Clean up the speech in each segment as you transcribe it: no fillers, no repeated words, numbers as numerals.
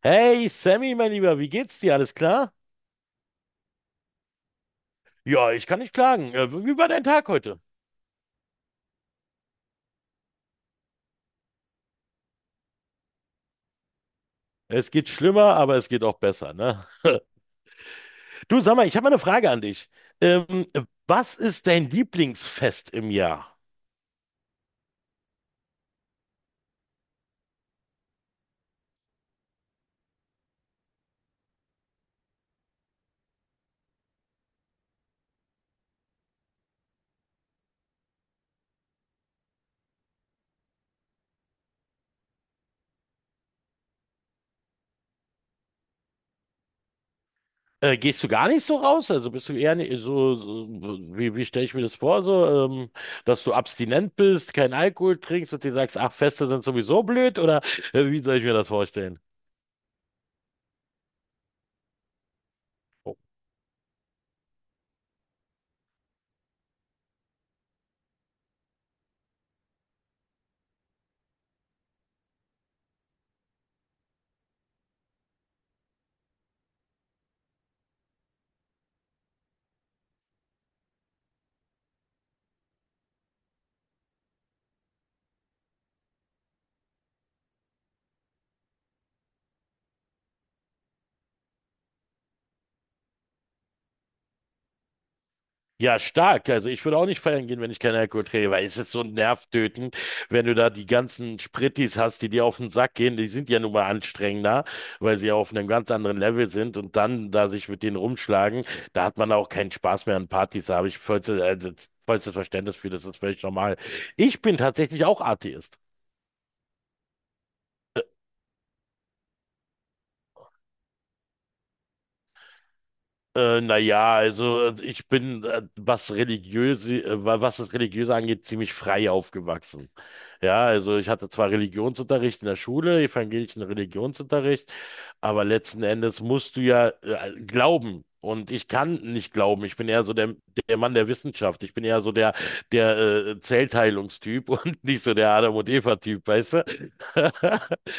Hey Sammy, mein Lieber, wie geht's dir? Alles klar? Ja, ich kann nicht klagen. Wie war dein Tag heute? Es geht schlimmer, aber es geht auch besser, ne? Du, sag mal, ich habe mal eine Frage an dich. Ähm, was ist dein Lieblingsfest im Jahr? Gehst du gar nicht so raus? Also bist du eher so, wie stelle ich mir das vor? So, dass du abstinent bist, keinen Alkohol trinkst und dir sagst, ach, Feste sind sowieso blöd? Oder wie soll ich mir das vorstellen? Ja, stark. Also ich würde auch nicht feiern gehen, wenn ich keinen Alkohol trinke, weil es ist so nervtötend, wenn du da die ganzen Sprittis hast, die dir auf den Sack gehen. Die sind ja nun mal anstrengender, weil sie ja auf einem ganz anderen Level sind und dann da sich mit denen rumschlagen, da hat man auch keinen Spaß mehr an Partys. Da habe ich vollstes Verständnis für, das ist völlig normal. Ich bin tatsächlich auch Atheist. Naja, also ich bin, was religiöse, was das Religiöse angeht, ziemlich frei aufgewachsen. Ja, also ich hatte zwar Religionsunterricht in der Schule, evangelischen Religionsunterricht, aber letzten Endes musst du ja glauben. Und ich kann nicht glauben. Ich bin eher so der Mann der Wissenschaft. Ich bin eher so der Zellteilungstyp und nicht so der Adam und Eva-Typ, weißt du?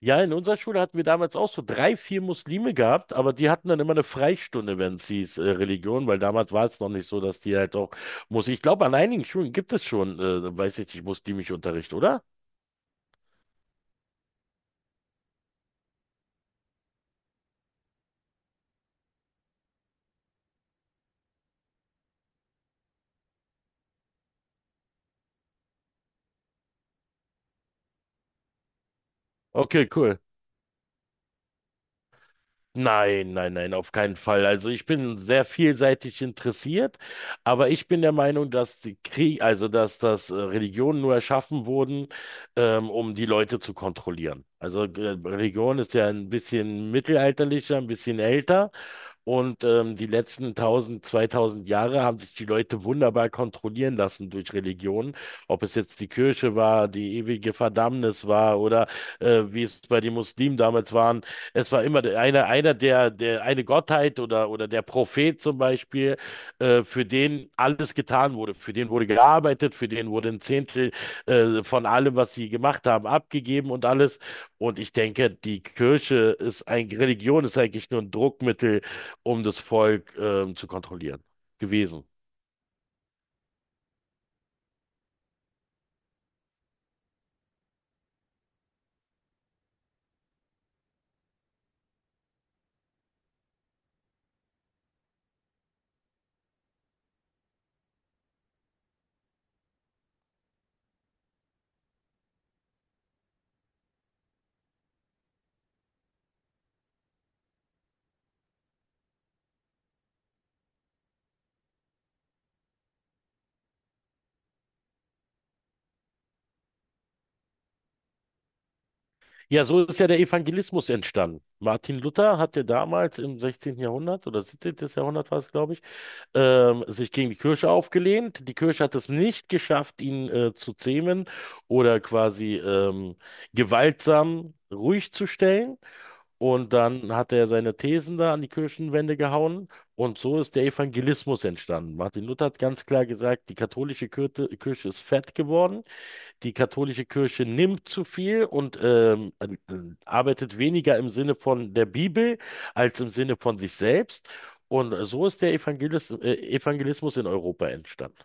Ja, in unserer Schule hatten wir damals auch so drei, vier Muslime gehabt, aber die hatten dann immer eine Freistunde, wenn es hieß Religion, weil damals war es noch nicht so, dass die halt auch muss. Ich glaube, an einigen Schulen gibt es schon, weiß ich nicht, muslimischen Unterricht, oder? Okay, cool. Nein, nein, nein, auf keinen Fall. Also ich bin sehr vielseitig interessiert, aber ich bin der Meinung, dass die Krieg, also dass das Religionen nur erschaffen wurden, um die Leute zu kontrollieren. Also Religion ist ja ein bisschen mittelalterlicher, ein bisschen älter. Und die letzten 1000, 2000 Jahre haben sich die Leute wunderbar kontrollieren lassen durch Religion. Ob es jetzt die Kirche war, die ewige Verdammnis war oder wie es bei den Muslimen damals waren. Es war immer einer der, eine Gottheit oder der Prophet zum Beispiel, für den alles getan wurde. Für den wurde gearbeitet, für den wurde ein Zehntel von allem, was sie gemacht haben, abgegeben und alles. Und ich denke, die Kirche ist ein, Religion ist eigentlich nur ein Druckmittel, um das Volk zu kontrollieren gewesen. Ja, so ist ja der Evangelismus entstanden. Martin Luther hatte damals im 16. Jahrhundert oder 17. Jahrhundert war es, glaube ich, sich gegen die Kirche aufgelehnt. Die Kirche hat es nicht geschafft, ihn zu zähmen oder quasi gewaltsam ruhig zu stellen. Und dann hat er seine Thesen da an die Kirchenwände gehauen. Und so ist der Evangelismus entstanden. Martin Luther hat ganz klar gesagt, die katholische Kirche, Kirche ist fett geworden, die katholische Kirche nimmt zu viel und arbeitet weniger im Sinne von der Bibel als im Sinne von sich selbst. Und so ist der Evangelismus in Europa entstanden.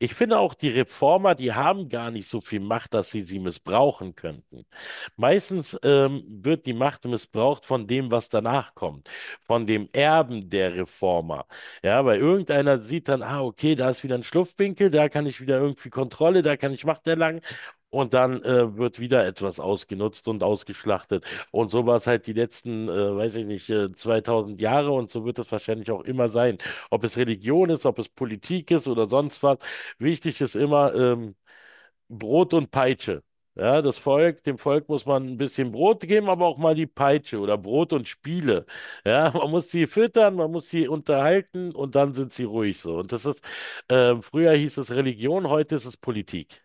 Ich finde auch, die Reformer, die haben gar nicht so viel Macht, dass sie sie missbrauchen könnten. Meistens wird die Macht missbraucht von dem, was danach kommt, von dem Erben der Reformer. Ja, weil irgendeiner sieht dann, ah, okay, da ist wieder ein Schlupfwinkel, da kann ich wieder irgendwie Kontrolle, da kann ich Macht erlangen. Und dann wird wieder etwas ausgenutzt und ausgeschlachtet. Und so war es halt die letzten, weiß ich nicht, 2000 Jahre und so wird es wahrscheinlich auch immer sein. Ob es Religion ist, ob es Politik ist oder sonst was. Wichtig ist immer, Brot und Peitsche. Ja, das Volk, dem Volk muss man ein bisschen Brot geben, aber auch mal die Peitsche oder Brot und Spiele. Ja, man muss sie füttern, man muss sie unterhalten und dann sind sie ruhig so. Und das ist, früher hieß es Religion, heute ist es Politik.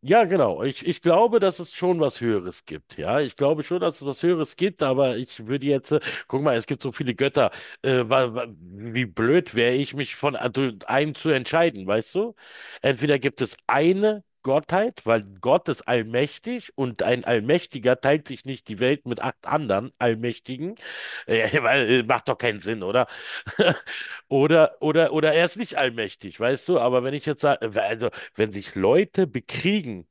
Ja, genau. Ich glaube, dass es schon was Höheres gibt. Ja, ich glaube schon, dass es was Höheres gibt, aber ich würde jetzt, guck mal, es gibt so viele Götter. Wie blöd wäre ich, mich von einem zu entscheiden, weißt du? Entweder gibt es eine Gottheit, weil Gott ist allmächtig und ein Allmächtiger teilt sich nicht die Welt mit acht anderen Allmächtigen, weil macht doch keinen Sinn, oder? Oder er ist nicht allmächtig, weißt du? Aber wenn ich jetzt sage, wenn sich Leute bekriegen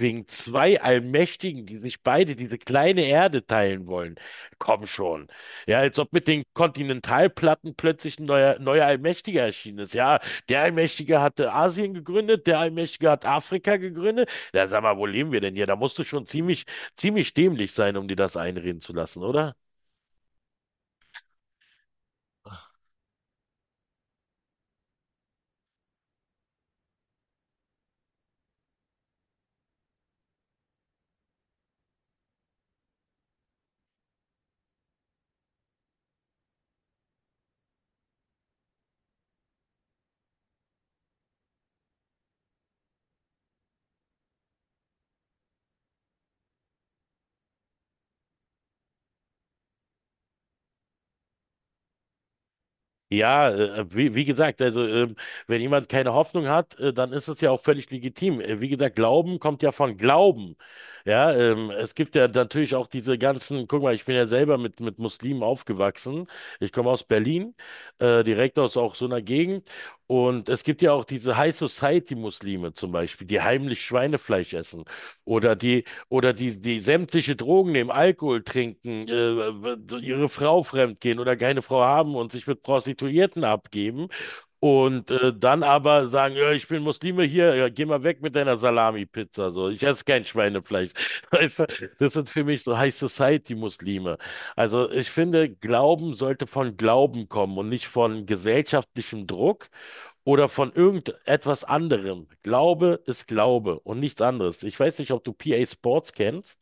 wegen zwei Allmächtigen, die sich beide diese kleine Erde teilen wollen. Komm schon. Ja, als ob mit den Kontinentalplatten plötzlich ein neuer Allmächtiger erschienen ist. Ja, der Allmächtige hatte Asien gegründet, der Allmächtige hat Afrika gegründet. Ja, sag mal, wo leben wir denn hier? Da musst du schon ziemlich, ziemlich dämlich sein, um dir das einreden zu lassen, oder? Ja, wie gesagt, also wenn jemand keine Hoffnung hat, dann ist es ja auch völlig legitim. Wie gesagt, Glauben kommt ja von Glauben. Ja, es gibt ja natürlich auch diese ganzen, guck mal, ich bin ja selber mit, Muslimen aufgewachsen. Ich komme aus Berlin, direkt aus auch so einer Gegend. Und es gibt ja auch diese High Society Muslime zum Beispiel, die heimlich Schweinefleisch essen oder die oder die, die sämtliche Drogen nehmen, Alkohol trinken, ihre Frau fremdgehen oder keine Frau haben und sich mit Prostituierten abgeben. Und dann aber sagen, ja, ich bin Muslime hier, ja, geh mal weg mit deiner Salami-Pizza. So, ich esse kein Schweinefleisch. Weißt du, das sind für mich so High Society-Muslime. Also ich finde, Glauben sollte von Glauben kommen und nicht von gesellschaftlichem Druck oder von irgendetwas anderem. Glaube ist Glaube und nichts anderes. Ich weiß nicht, ob du PA Sports kennst.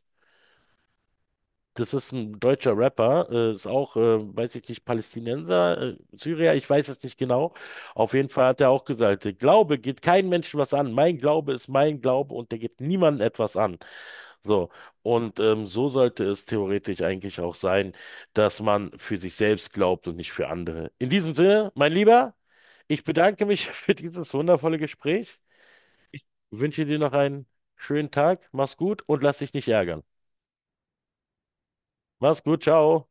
Das ist ein deutscher Rapper, ist auch, weiß ich nicht, Palästinenser, Syrier, ich weiß es nicht genau. Auf jeden Fall hat er auch gesagt, Glaube geht keinem Menschen was an. Mein Glaube ist mein Glaube und der geht niemandem etwas an. So, und so sollte es theoretisch eigentlich auch sein, dass man für sich selbst glaubt und nicht für andere. In diesem Sinne, mein Lieber, ich bedanke mich für dieses wundervolle Gespräch. Ich wünsche dir noch einen schönen Tag, mach's gut und lass dich nicht ärgern. Mach's gut, ciao.